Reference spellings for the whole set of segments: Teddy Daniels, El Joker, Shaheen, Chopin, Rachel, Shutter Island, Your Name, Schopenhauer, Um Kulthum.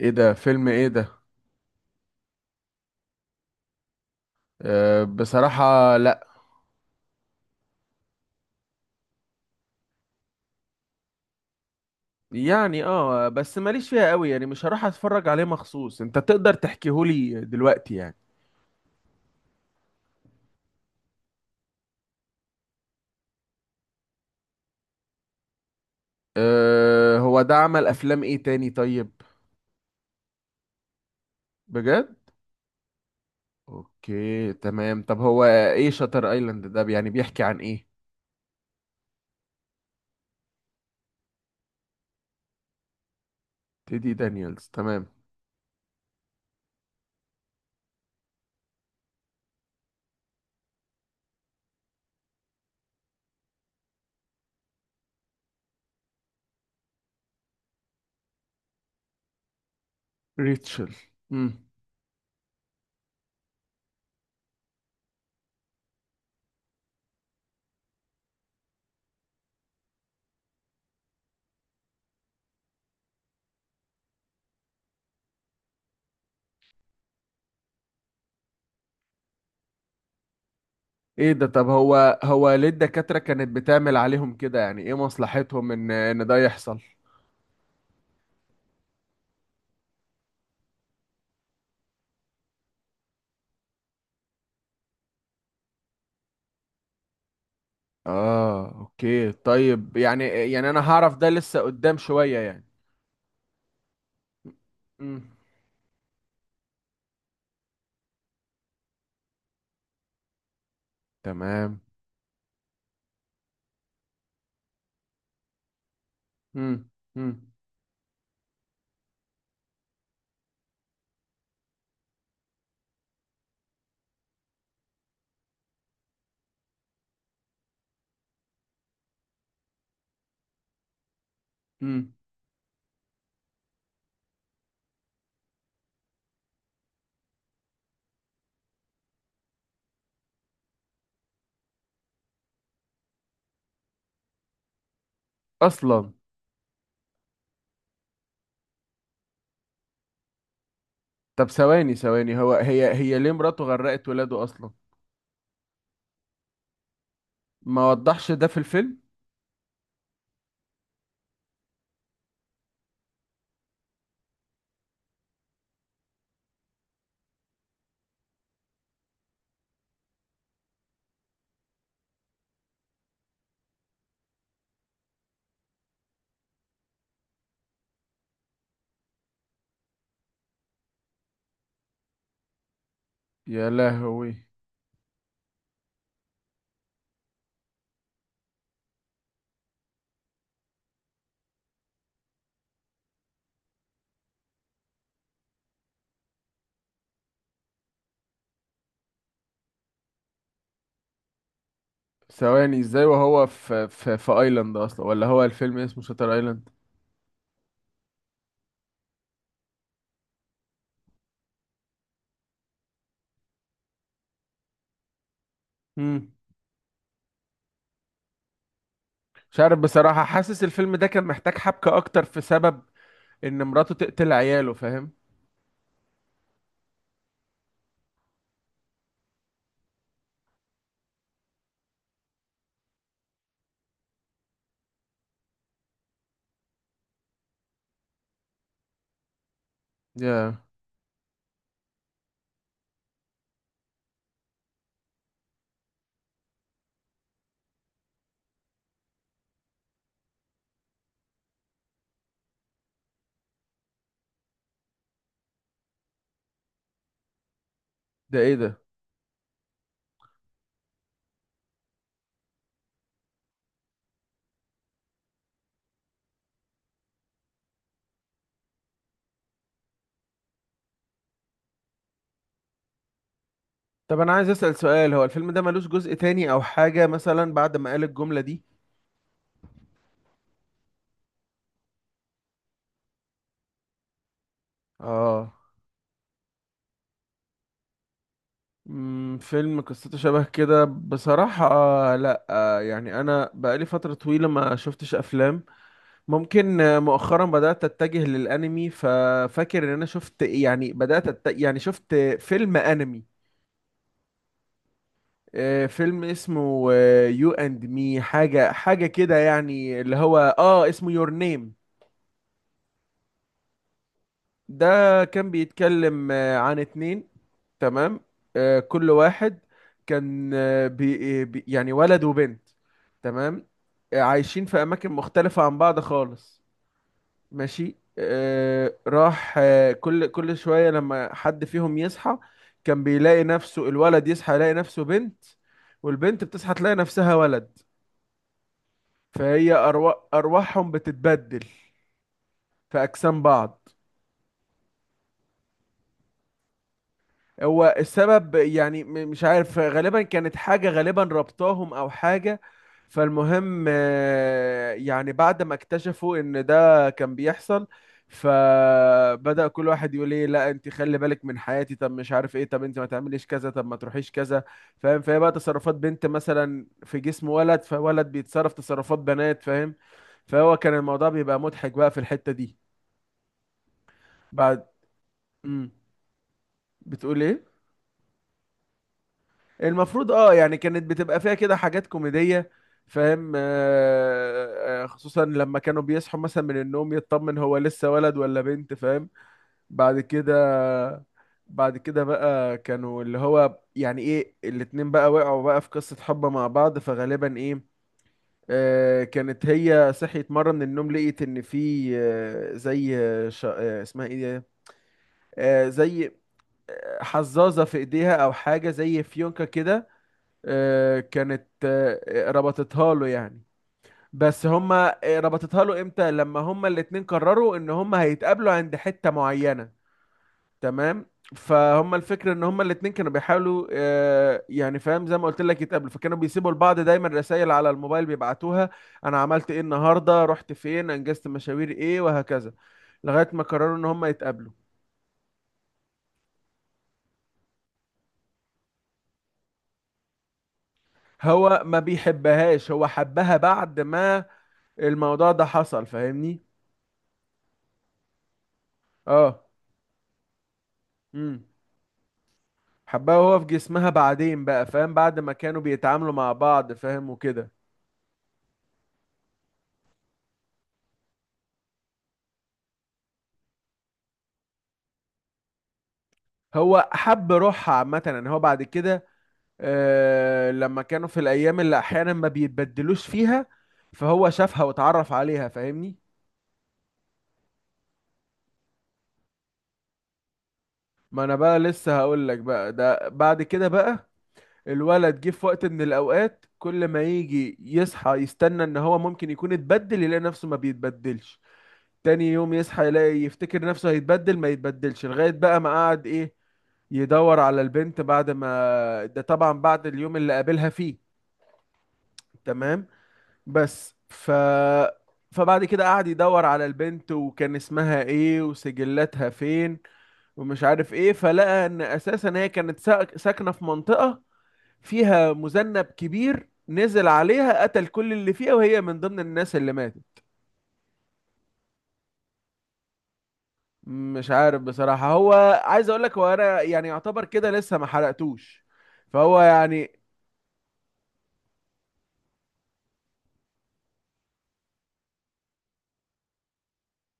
ايه ده؟ فيلم ايه ده؟ أه، بصراحة لا. يعني بس ماليش فيها قوي يعني، مش هروح اتفرج عليه مخصوص. انت تقدر تحكيهولي دلوقتي يعني. أه، هو ده عمل افلام ايه تاني؟ طيب. بجد؟ اوكي، تمام. طب هو ايه شاتر ايلاند ده؟ يعني بيحكي عن ايه؟ تيدي دانييلز، تمام. ريتشل. امم. ايه ده؟ طب هو ليه الدكاترة كانت بتعمل عليهم كده؟ يعني ايه مصلحتهم ان ده يحصل؟ اه، اوكي، طيب. يعني انا هعرف ده لسه قدام شوية يعني. مم. تمام. مم. مم. مم. اصلا؟ طب ثواني ثواني، هو هي ليه مراته غرقت ولاده اصلا؟ ما وضحش ده في الفيلم. يا لهوي. ثواني، ازاي وهو في في ايلاند اصلا؟ ولا هو الفيلم اسمه شاتر ايلاند؟ مم. مش عارف بصراحة، حاسس الفيلم ده كان محتاج حبكة اكتر في سبب ان مراته تقتل عياله، فاهم؟ يا ده، ايه ده. طب انا عايز اسأل سؤال، هو الفيلم ده ملوش جزء تاني او حاجة مثلا بعد ما قال الجملة دي؟ اه. مم، فيلم قصته شبه كده؟ بصراحة آه لا، آه يعني انا بقالي فترة طويلة ما شفتش افلام. ممكن مؤخرا بدأت اتجه للانمي، ففاكر ان انا شفت، يعني بدأت يعني شفت فيلم انمي. فيلم اسمه يو اند مي، حاجة حاجة كده يعني، اللي هو اسمه يور نيم. ده كان بيتكلم عن اتنين، تمام. كل واحد كان يعني ولد وبنت، تمام. عايشين في أماكن مختلفة عن بعض خالص، ماشي. راح كل شوية لما حد فيهم يصحى كان بيلاقي نفسه، الولد يصحى يلاقي نفسه بنت، والبنت بتصحى تلاقي نفسها ولد. فهي أرواحهم بتتبدل في أجسام بعض. هو السبب يعني مش عارف، غالبا كانت حاجة غالبا ربطاهم أو حاجة. فالمهم يعني بعد ما اكتشفوا إن ده كان بيحصل، فبدأ كل واحد يقول ايه، لا انت خلي بالك من حياتي، طب مش عارف ايه، طب انت ما تعمليش كذا، طب ما تروحيش كذا، فاهم؟ فهي بقى تصرفات بنت مثلا في جسم ولد، فولد بيتصرف تصرفات بنات، فاهم؟ فهو كان الموضوع بيبقى مضحك بقى في الحتة دي بعد. امم. بتقول ايه؟ المفروض اه، يعني كانت بتبقى فيها كده حاجات كوميدية، فاهم؟ خصوصا لما كانوا بيصحوا مثلا من النوم يطمن هو لسه ولد ولا بنت، فاهم؟ بعد كده، بعد كده بقى كانوا اللي هو يعني ايه، الاتنين بقى وقعوا بقى في قصة حب مع بعض، فغالبا ايه، كانت هي صحيت مرة من النوم لقيت ان في، زي اسمها ايه دي؟ زي حزازة في ايديها او حاجة زي فيونكة كده، كانت ربطتها له يعني. بس هما ربطتها له امتى؟ لما هما الاتنين قرروا ان هما هيتقابلوا عند حتة معينة، تمام. فهم الفكرة ان هما الاتنين كانوا بيحاولوا يعني فاهم، زي ما قلت لك يتقابلوا، فكانوا بيسيبوا لبعض دايما رسائل على الموبايل بيبعتوها، انا عملت ايه النهاردة، رحت فين، انجزت مشاوير ايه، وهكذا، لغاية ما قرروا ان هما يتقابلوا. هو ما بيحبهاش، هو حبها بعد ما الموضوع ده حصل، فاهمني؟ اه. مم. حبها وهو في جسمها بعدين بقى، فاهم؟ بعد ما كانوا بيتعاملوا مع بعض، فاهم، وكده. هو حب روحها عامة يعني. هو بعد كده آه لما كانوا في الأيام اللي أحيانا ما بيتبدلوش فيها، فهو شافها واتعرف عليها، فاهمني؟ ما أنا بقى لسه هقول لك بقى. ده بعد كده بقى الولد جه في وقت من الأوقات كل ما يجي يصحى يستنى إن هو ممكن يكون اتبدل، يلاقي نفسه ما بيتبدلش، تاني يوم يصحى يلاقي، يفتكر نفسه هيتبدل، ما يتبدلش، لغاية بقى ما قعد ايه، يدور على البنت بعد ما، ده طبعا بعد اليوم اللي قابلها فيه، تمام. بس ف فبعد كده قعد يدور على البنت، وكان اسمها ايه، وسجلاتها فين، ومش عارف ايه، فلقى ان اساسا هي كانت ساكنة في منطقة فيها مذنب كبير نزل عليها قتل كل اللي فيها، وهي من ضمن الناس اللي ماتت. مش عارف بصراحة هو، عايز اقول لك، هو انا يعني يعتبر كده لسه ما حرقتوش، فهو يعني.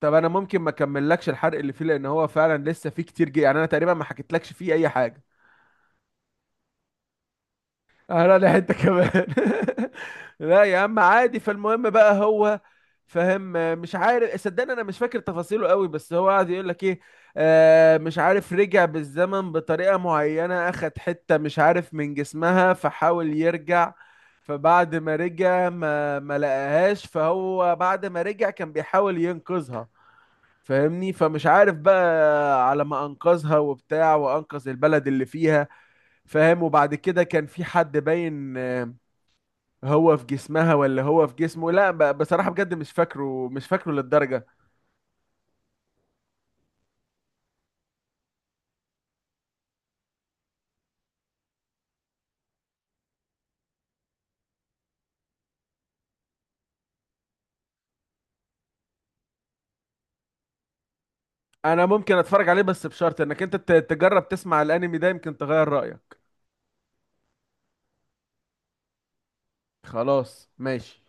طب انا ممكن ما اكملكش الحرق اللي فيه، لان هو فعلا لسه فيه كتير جي، يعني انا تقريبا ما حكيتلكش فيه اي حاجة. انا لي حته كمان. لا يا عم عادي. فالمهم بقى هو فاهم، مش عارف، صدقني انا مش فاكر تفاصيله قوي، بس هو قعد يقول لك ايه، آه مش عارف، رجع بالزمن بطريقه معينه، اخد حته مش عارف من جسمها فحاول يرجع. فبعد ما رجع ما لقاهاش، فهو بعد ما رجع كان بيحاول ينقذها، فاهمني؟ فمش عارف بقى على ما انقذها وبتاع، وانقذ البلد اللي فيها، فاهم؟ وبعد كده كان في حد باين هو في جسمها ولا هو في جسمه، لا بصراحة بجد مش فاكره، مش فاكره للدرجة. انا ممكن اتفرج عليه، بس بشرط انك انت تجرب تسمع الانمي ده، يمكن تغير رأيك. خلاص، ماشي.